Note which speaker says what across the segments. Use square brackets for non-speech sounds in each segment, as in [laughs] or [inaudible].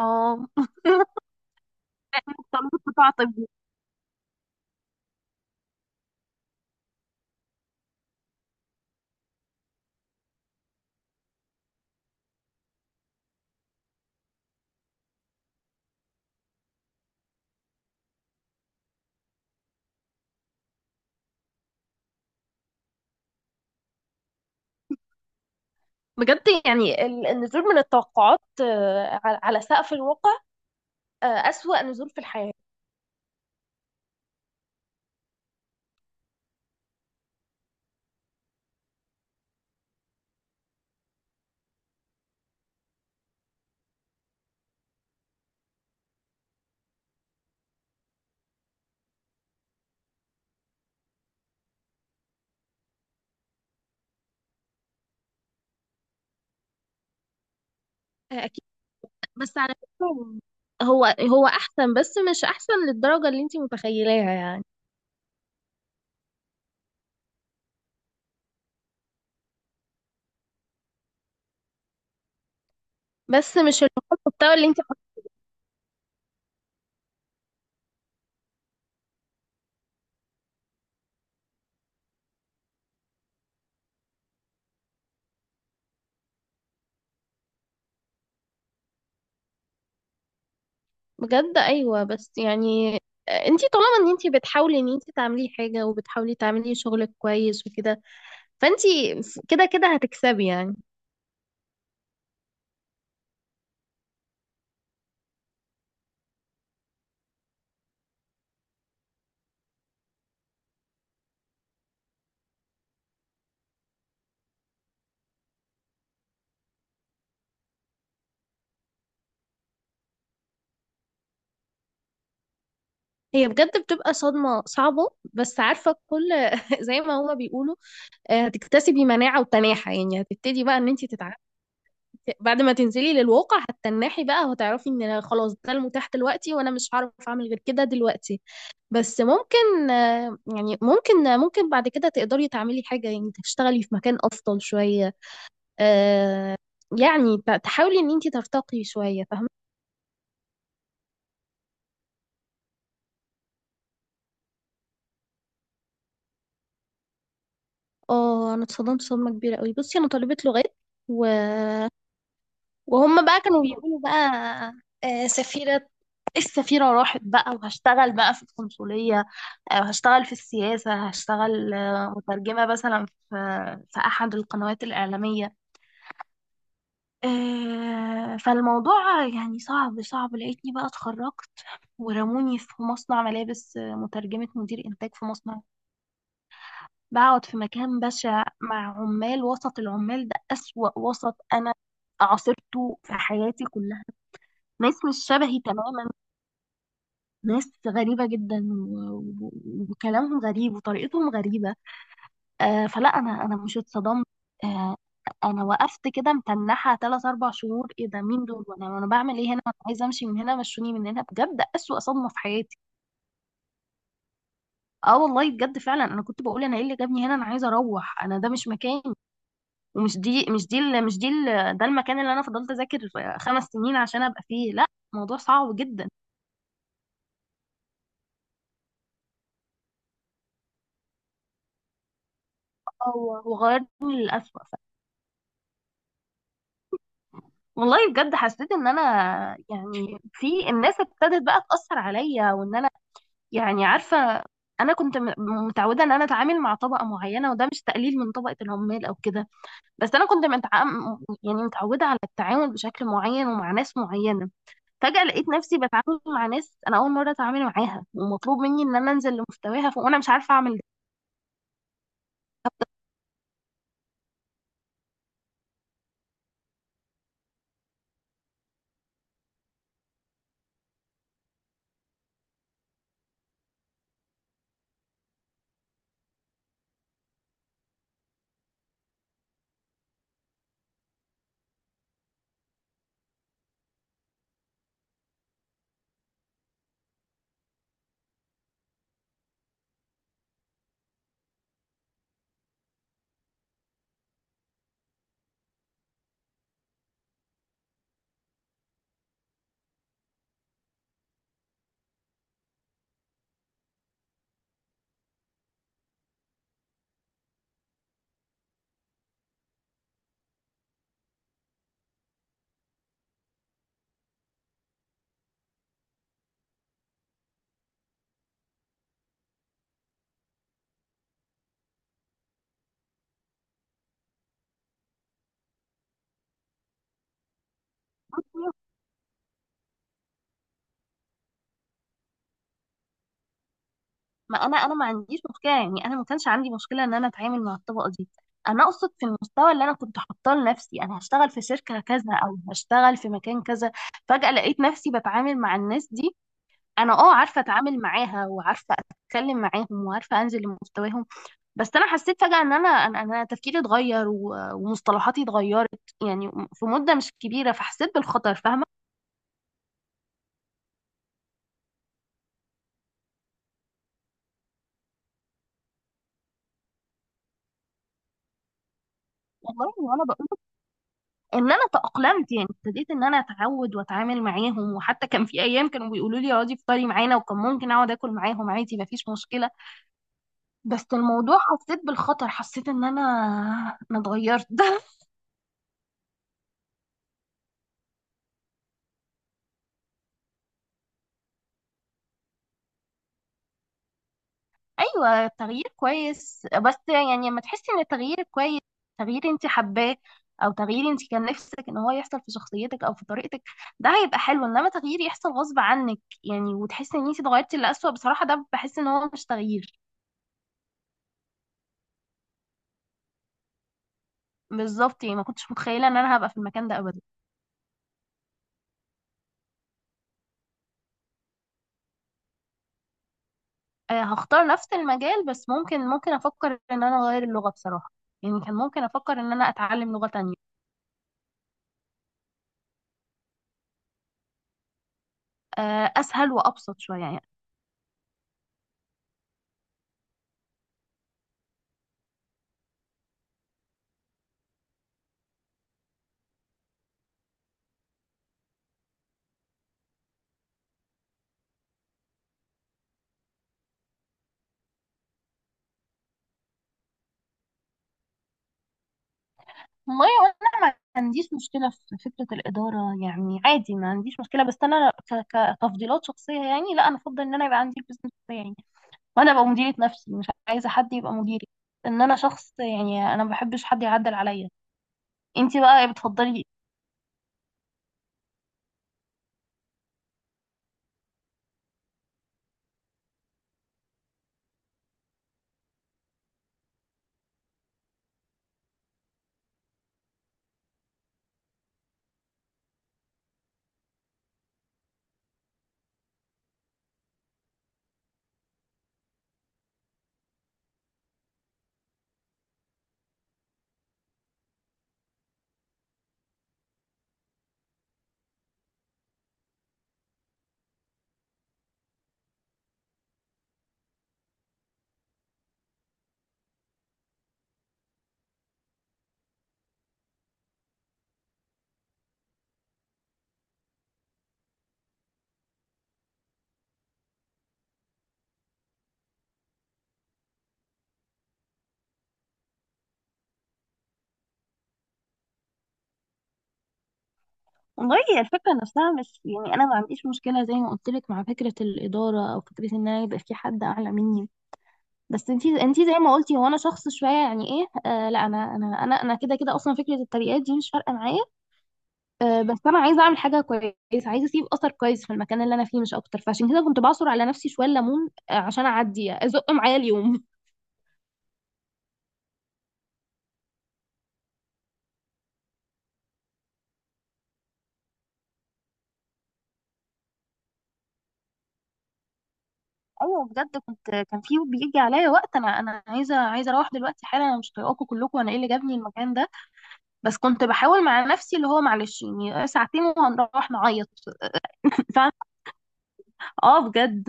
Speaker 1: اه. طلبت قطاع طبي. بجد يعني النزول من التوقعات، على سقف الواقع. أسوأ نزول في الحياة. اكيد. بس على فكره، هو احسن، بس مش احسن للدرجه اللي انت متخيلاها يعني. بس مش المحتوى اللي انت... بجد ايوه، بس يعني انت طالما ان انت بتحاولي ان انت تعملي حاجه، وبتحاولي تعملي شغلك كويس وكده، فانت كده كده هتكسبي يعني. هي بجد بتبقى صدمه صعبه، بس عارفه كل... [laughs] زي ما هما بيقولوا، هتكتسبي مناعة وتناحة، يعني هتبتدي بقى ان انت تتعافي. بعد ما تنزلي للواقع هتتنحي بقى، وهتعرفي ان أنا خلاص ده المتاح دلوقتي، وانا مش هعرف اعمل غير كده دلوقتي. بس ممكن يعني ممكن بعد كده تقدري تعملي حاجة، يعني تشتغلي في مكان افضل شوية. آه، يعني تحاولي ان انت ترتقي شوية، فاهمة؟ اه، انا اتصدمت صدمة كبيرة قوي. بصي، انا طالبة لغات، و وهم بقى كانوا بيقولوا بقى سفيرة. إيه، السفيرة راحت بقى وهشتغل بقى في القنصلية، وهشتغل في السياسة، هشتغل مترجمة مثلا في أحد القنوات الإعلامية. فالموضوع يعني صعب، صعب لقيتني بقى اتخرجت، ورموني في مصنع ملابس مترجمة مدير إنتاج في مصنع. بقعد في مكان بشع مع عمال، وسط العمال ده أسوأ وسط أنا عاصرته في حياتي كلها. ناس مش شبهي تماما، ناس غريبة جدا و- و- وكلامهم غريب، وطريقتهم غريبة. فلا، أنا مش اتصدمت. آه أنا وقفت كده متنحة تلات أربع شهور. إيه ده؟ مين دول؟ وأنا بعمل إيه هنا؟ أنا عايزة أمشي من هنا. مشوني من هنا، بجد أسوأ صدمة في حياتي. اه، والله بجد فعلا انا كنت بقول انا ايه اللي جابني هنا؟ انا عايزه اروح، انا ده مش مكاني. ومش دي مش دي ال- مش دي ال- ده المكان اللي انا فضلت اذاكر 5 سنين عشان ابقى فيه؟ لا. الموضوع صعب جدا، وغيرني للأسوأ. والله بجد حسيت ان انا يعني في الناس ابتدت بقى تأثر عليا، وان انا يعني عارفة انا كنت متعودة ان انا اتعامل مع طبقة معينة، وده مش تقليل من طبقة العمال او كده. بس انا كنت يعني متعودة على التعامل بشكل معين، ومع ناس معينة. فجأة لقيت نفسي بتعامل مع ناس انا اول مرة اتعامل معاها، ومطلوب مني ان انا انزل لمستواها وانا مش عارفة اعمل ده. ما انا ما عنديش مشكله، يعني انا ما كانش عندي مشكله ان انا اتعامل مع الطبقه دي. انا اقصد في المستوى اللي انا كنت حاطاه لنفسي، انا هشتغل في شركه كذا او هشتغل في مكان كذا. فجاه لقيت نفسي بتعامل مع الناس دي. انا اه عارفه اتعامل معاها، وعارفه اتكلم معاهم، وعارفه انزل لمستواهم. بس انا حسيت فجاه ان انا انا أنا تفكيري اتغير ومصطلحاتي اتغيرت، يعني في مده مش كبيره، فحسيت بالخطر، فاهمه؟ والله وانا بقول ان انا تأقلمت، يعني ابتديت ان انا اتعود واتعامل معاهم، وحتى كان في ايام كانوا بيقولوا لي اقعدي افطري معانا، وكان ممكن اقعد اكل معاهم عادي مفيش مشكله. بس الموضوع حسيت بالخطر، حسيت ان انا اتغيرت. [laughs] ايوه، التغيير كويس، بس يعني لما تحسي ان التغيير كويس، تغيير انت حباه، او تغيير انت كان نفسك ان هو يحصل في شخصيتك او في طريقتك، ده هيبقى حلو. انما تغيير يحصل غصب عنك يعني، وتحسي ان انت اتغيرتي لأسوأ، بصراحه ده بحس ان هو مش تغيير. بالظبط، يعني ما كنتش متخيله ان انا هبقى في المكان ده ابدا. هختار نفس المجال، بس ممكن افكر ان انا اغير اللغه بصراحه، يعني كان ممكن افكر ان انا اتعلم لغه تانية. اسهل وابسط شويه يعني. والله انا ما عنديش مشكله في فكره الاداره، يعني عادي ما عنديش مشكله، بس انا كتفضيلات شخصيه، يعني لا، انا افضل ان انا يبقى عندي البزنس بتاعي يعني، وانا ابقى مديره نفسي، مش عايزه حد يبقى مديري، ان انا شخص يعني انا ما بحبش حد يعدل عليا. انتي بقى بتفضلي؟ والله هي الفكرة نفسها، مش يعني أنا ما عنديش مشكلة زي ما قلت لك مع فكرة الإدارة، أو فكرة إن أنا يبقى في حد أعلى مني. بس انتي زي ما قلتي، هو أنا شخص شوية يعني إيه. لا، أنا كده كده أصلا فكرة الترقيات دي مش فارقة معايا. بس أنا عايزة أعمل حاجة كويسة، عايزة أسيب أثر كويس في المكان اللي أنا فيه مش أكتر، فعشان كده كنت بعصر على نفسي شوية ليمون عشان أعدي أزق معايا اليوم. ايوه، بجد كنت كان في بيجي عليا وقت انا عايزه اروح دلوقتي حالا، انا مش طايقاكم كلكم، انا ايه اللي جابني المكان ده؟ بس كنت بحاول مع نفسي اللي هو معلش يعني ساعتين وهنروح نعيط. [laughs] فعلا. اه، بجد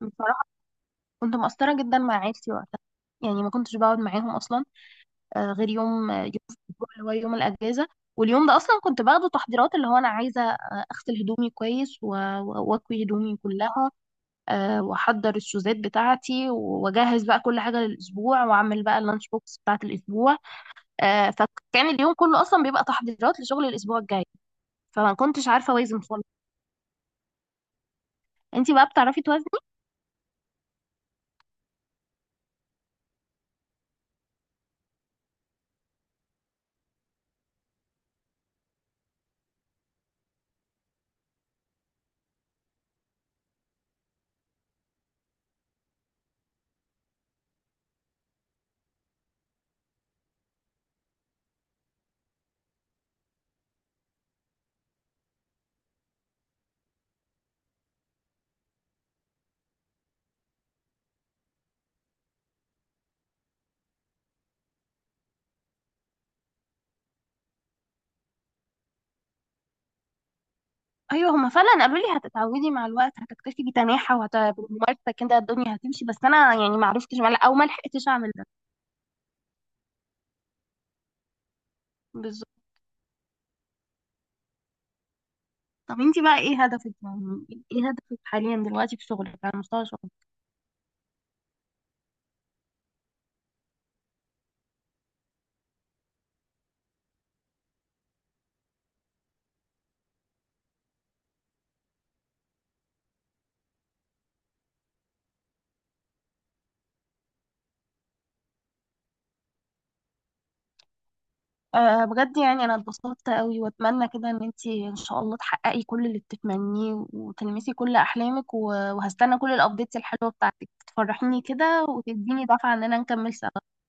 Speaker 1: بصراحة كنت مقصرة جدا مع عيلتي وقتها، يعني ما كنتش بقعد معاهم اصلا، غير يوم يوم في الأسبوع اللي هو يوم الاجازة. واليوم ده اصلا كنت باخده تحضيرات، اللي هو انا عايزة اغسل هدومي كويس واكوي هدومي كلها، واحضر الشوزات بتاعتي، واجهز بقى كل حاجة للاسبوع، واعمل بقى اللانش بوكس بتاعت الاسبوع. فكان اليوم كله اصلا بيبقى تحضيرات لشغل الاسبوع الجاي. فما كنتش عارفة اوازن خالص. انتي بقى بتعرفي توازني؟ ايوه، هما فعلا قالوا لي هتتعودي مع الوقت، هتكتفي بتناحة، وهتمارسة كده الدنيا هتمشي. بس انا يعني ما عرفتش او ما لحقتش اعمل ده. بالظبط. طب انتي بقى ايه هدفك يعني؟ ايه هدفك حاليا دلوقتي في شغلك، على مستوى شغلك؟ أه بجد يعني انا اتبسطت قوي، واتمنى كده ان انتي ان شاء الله تحققي كل اللي بتتمنيه، وتلمسي كل احلامك، وهستنى كل الابديتس الحلوه بتاعتك تفرحيني كده، وتديني دفعه ان انا نكمل سوا.